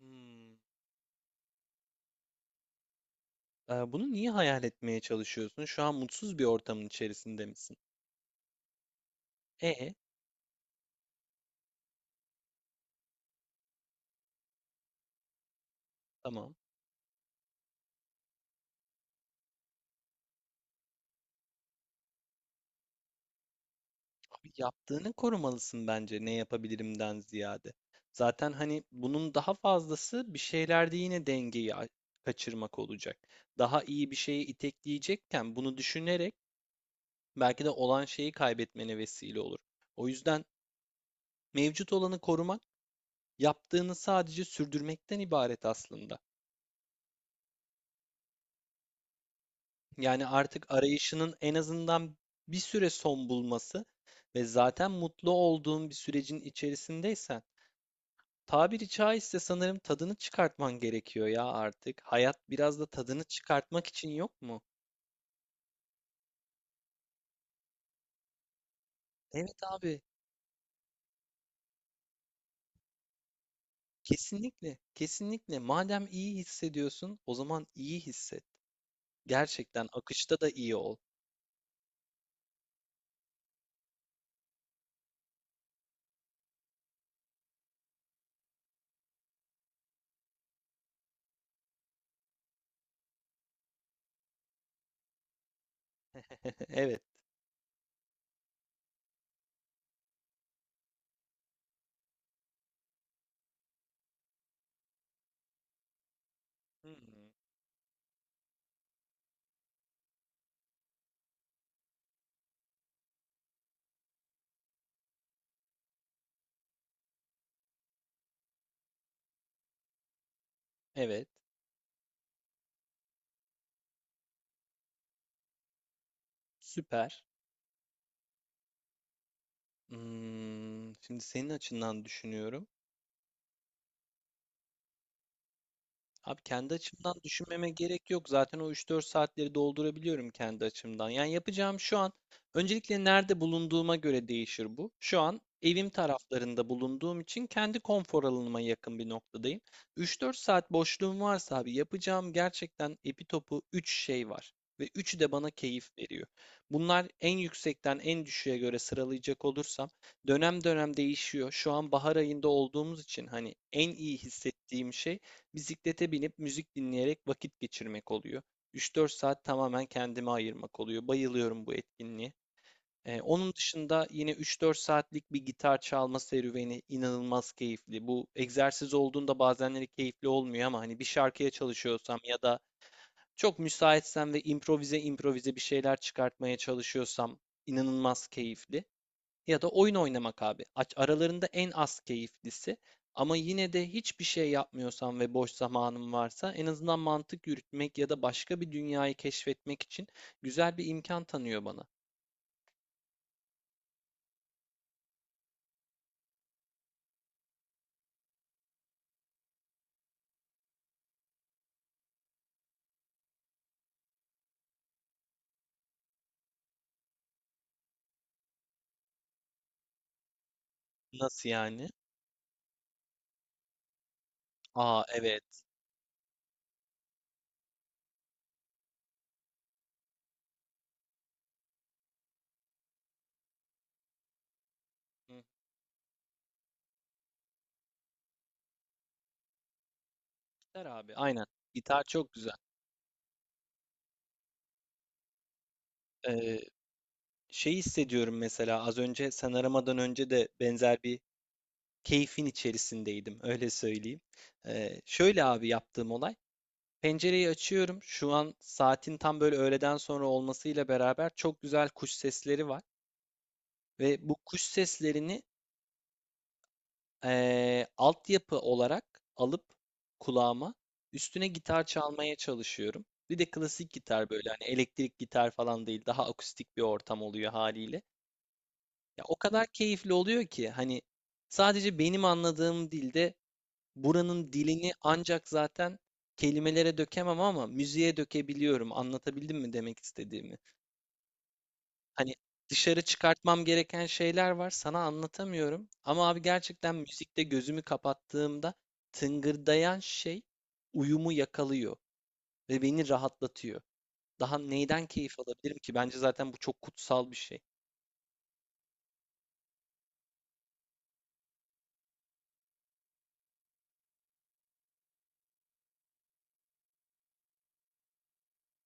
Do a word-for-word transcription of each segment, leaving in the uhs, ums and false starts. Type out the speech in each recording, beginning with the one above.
Hımm. Eee, bunu niye hayal etmeye çalışıyorsun? Şu an mutsuz bir ortamın içerisinde misin? E, tamam. Abi, yaptığını korumalısın bence ne yapabilirimden ziyade. Zaten hani bunun daha fazlası bir şeylerde yine dengeyi a- kaçırmak olacak. Daha iyi bir şeye itekleyecekken bunu düşünerek belki de olan şeyi kaybetmene vesile olur. O yüzden mevcut olanı korumak yaptığını sadece sürdürmekten ibaret aslında. Yani artık arayışının en azından bir süre son bulması ve zaten mutlu olduğun bir sürecin içerisindeysen tabiri caizse sanırım tadını çıkartman gerekiyor ya artık. Hayat biraz da tadını çıkartmak için yok mu? Evet abi, kesinlikle, kesinlikle. Madem iyi hissediyorsun, o zaman iyi hisset. Gerçekten akışta da iyi ol. Evet. Hı hı. Evet. Süper. Hmm, şimdi senin açından düşünüyorum. Abi kendi açımdan düşünmeme gerek yok. Zaten o üç dört saatleri doldurabiliyorum kendi açımdan. Yani yapacağım şu an öncelikle nerede bulunduğuma göre değişir bu. Şu an evim taraflarında bulunduğum için kendi konfor alanıma yakın bir noktadayım. üç dört saat boşluğum varsa abi yapacağım gerçekten epi topu üç şey var. Ve üçü de bana keyif veriyor. Bunlar en yüksekten en düşüğe göre sıralayacak olursam dönem dönem değişiyor. Şu an bahar ayında olduğumuz için hani en iyi hissettiğim şey bisiklete binip müzik dinleyerek vakit geçirmek oluyor. üç dört saat tamamen kendime ayırmak oluyor. Bayılıyorum bu etkinliğe. Ee, onun dışında yine üç dört saatlik bir gitar çalma serüveni inanılmaz keyifli. Bu egzersiz olduğunda bazenleri keyifli olmuyor ama hani bir şarkıya çalışıyorsam ya da çok müsaitsem ve improvize improvize bir şeyler çıkartmaya çalışıyorsam inanılmaz keyifli ya da oyun oynamak abi. Aralarında en az keyiflisi. Ama yine de hiçbir şey yapmıyorsam ve boş zamanım varsa en azından mantık yürütmek ya da başka bir dünyayı keşfetmek için güzel bir imkan tanıyor bana. Nasıl yani? Aa evet. Hı, gitar abi aynen. Gitar çok güzel. Ee, şey hissediyorum mesela az önce sen aramadan önce de benzer bir keyfin içerisindeydim öyle söyleyeyim. Ee, şöyle abi yaptığım olay. Pencereyi açıyorum. Şu an saatin tam böyle öğleden sonra olmasıyla beraber çok güzel kuş sesleri var. Ve bu kuş seslerini eee altyapı olarak alıp kulağıma üstüne gitar çalmaya çalışıyorum. Bir de klasik gitar, böyle hani elektrik gitar falan değil, daha akustik bir ortam oluyor haliyle. Ya o kadar keyifli oluyor ki hani sadece benim anladığım dilde, buranın dilini ancak zaten kelimelere dökemem ama müziğe dökebiliyorum. Anlatabildim mi demek istediğimi? Hani dışarı çıkartmam gereken şeyler var, sana anlatamıyorum. Ama abi gerçekten müzikte gözümü kapattığımda tıngırdayan şey uyumu yakalıyor ve beni rahatlatıyor. Daha neyden keyif alabilirim ki? Bence zaten bu çok kutsal bir şey.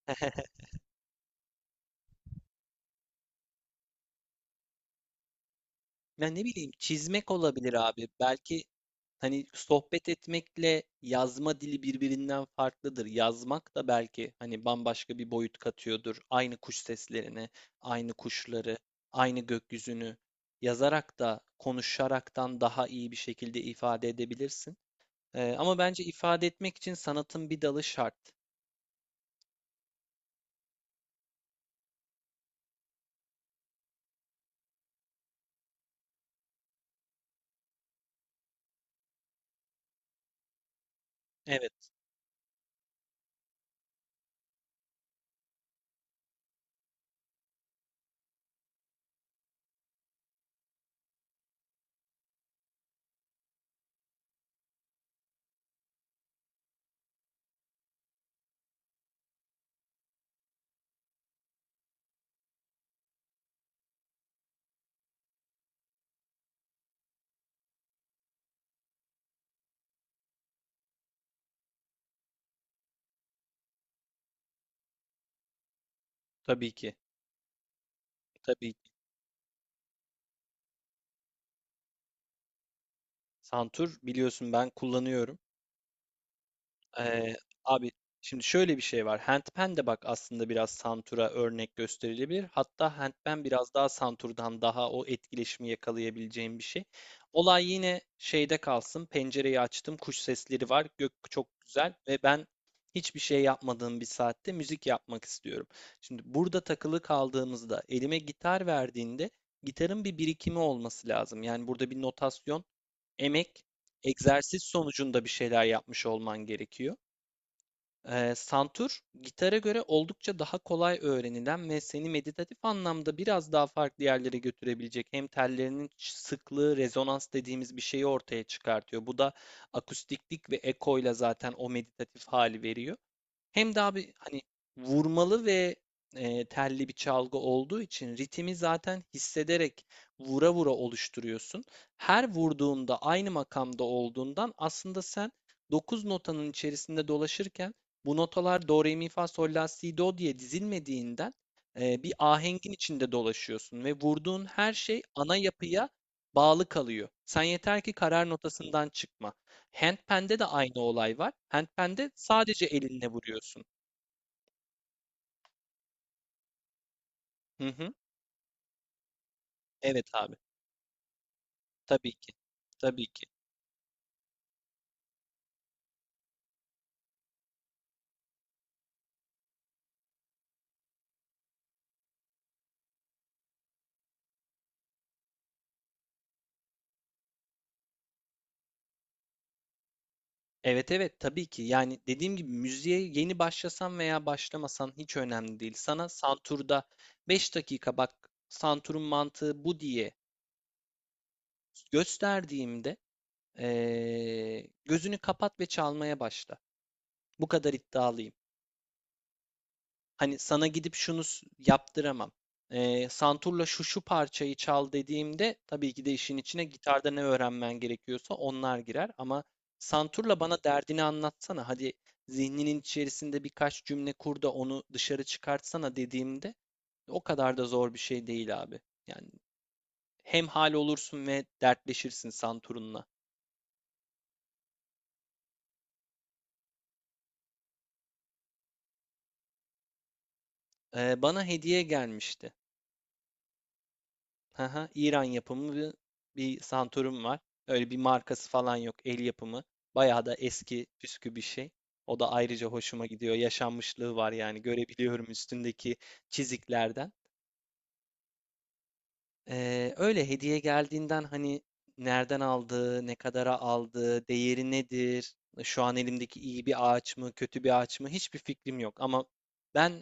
Ya ne bileyim, çizmek olabilir abi. Belki hani sohbet etmekle yazma dili birbirinden farklıdır. Yazmak da belki hani bambaşka bir boyut katıyordur. Aynı kuş seslerini, aynı kuşları, aynı gökyüzünü yazarak da konuşaraktan daha iyi bir şekilde ifade edebilirsin. Ee, ama bence ifade etmek için sanatın bir dalı şart. Evet, tabii ki. Tabii ki. Santur biliyorsun, ben kullanıyorum. Eee, abi şimdi şöyle bir şey var. Handpan de bak, aslında biraz santura örnek gösterilebilir. Hatta handpan biraz daha santurdan daha o etkileşimi yakalayabileceğim bir şey. Olay yine şeyde kalsın. Pencereyi açtım, kuş sesleri var. Gök çok güzel ve ben hiçbir şey yapmadığım bir saatte müzik yapmak istiyorum. Şimdi burada takılı kaldığımızda elime gitar verdiğinde, gitarın bir birikimi olması lazım. Yani burada bir notasyon, emek, egzersiz sonucunda bir şeyler yapmış olman gerekiyor. Eee, santur, gitara göre oldukça daha kolay öğrenilen ve seni meditatif anlamda biraz daha farklı yerlere götürebilecek, hem tellerinin sıklığı, rezonans dediğimiz bir şeyi ortaya çıkartıyor. Bu da akustiklik ve ekoyla zaten o meditatif hali veriyor. Hem daha bir hani vurmalı ve eee, telli bir çalgı olduğu için ritmi zaten hissederek vura vura oluşturuyorsun. Her vurduğunda aynı makamda olduğundan aslında sen dokuz notanın içerisinde dolaşırken, bu notalar do, re, mi, fa, sol, la, si, do diye dizilmediğinden, eee, bir ahengin içinde dolaşıyorsun ve vurduğun her şey ana yapıya bağlı kalıyor. Sen yeter ki karar notasından çıkma. Handpan'de de aynı olay var. Handpan'de sadece elinle vuruyorsun. Hı hı. Evet abi. Tabii ki. Tabii ki. Evet, evet, tabii ki. Yani dediğim gibi müziğe yeni başlasan veya başlamasan hiç önemli değil. Sana santurda beş dakika bak, santurun mantığı bu diye gösterdiğimde eee, gözünü kapat ve çalmaya başla. Bu kadar iddialıyım. Hani sana gidip şunu s- yaptıramam. Ee, santurla şu şu parçayı çal dediğimde tabii ki de işin içine gitarda ne öğrenmen gerekiyorsa onlar girer, ama santurla bana derdini anlatsana. Hadi zihninin içerisinde birkaç cümle kur da onu dışarı çıkartsana dediğimde o kadar da zor bir şey değil abi. Yani hem hal olursun ve dertleşirsin santurunla. Ee, bana hediye gelmişti. Hı hı. İran yapımı bir, bir Santorum var. Öyle bir markası falan yok. El yapımı. Bayağı da eski püskü bir şey. O da ayrıca hoşuma gidiyor. Yaşanmışlığı var yani. Görebiliyorum üstündeki çiziklerden. Ee, öyle hediye geldiğinden hani nereden aldığı, ne kadara aldığı, değeri nedir? Şu an elimdeki iyi bir ağaç mı, kötü bir ağaç mı? Hiçbir fikrim yok. Ama ben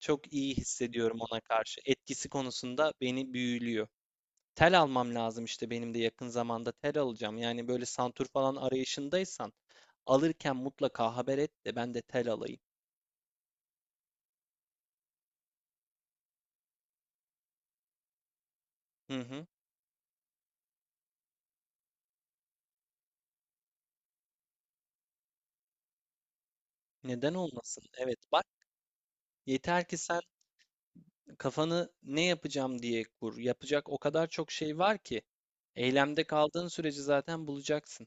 çok iyi hissediyorum ona karşı. Etkisi konusunda beni büyülüyor. Tel almam lazım, işte benim de yakın zamanda tel alacağım. Yani böyle santur falan arayışındaysan, alırken mutlaka haber et de ben de tel alayım. Hı hı. Neden olmasın? Evet bak, yeter ki sen kafanı ne yapacağım diye kur. Yapacak o kadar çok şey var ki. Eylemde kaldığın sürece zaten bulacaksın.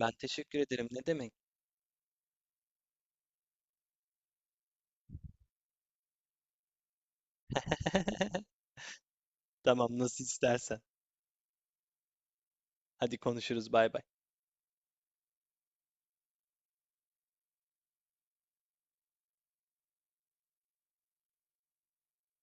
Ben teşekkür ederim. Ne demek? Tamam, nasıl istersen. Hadi konuşuruz. Bay bay.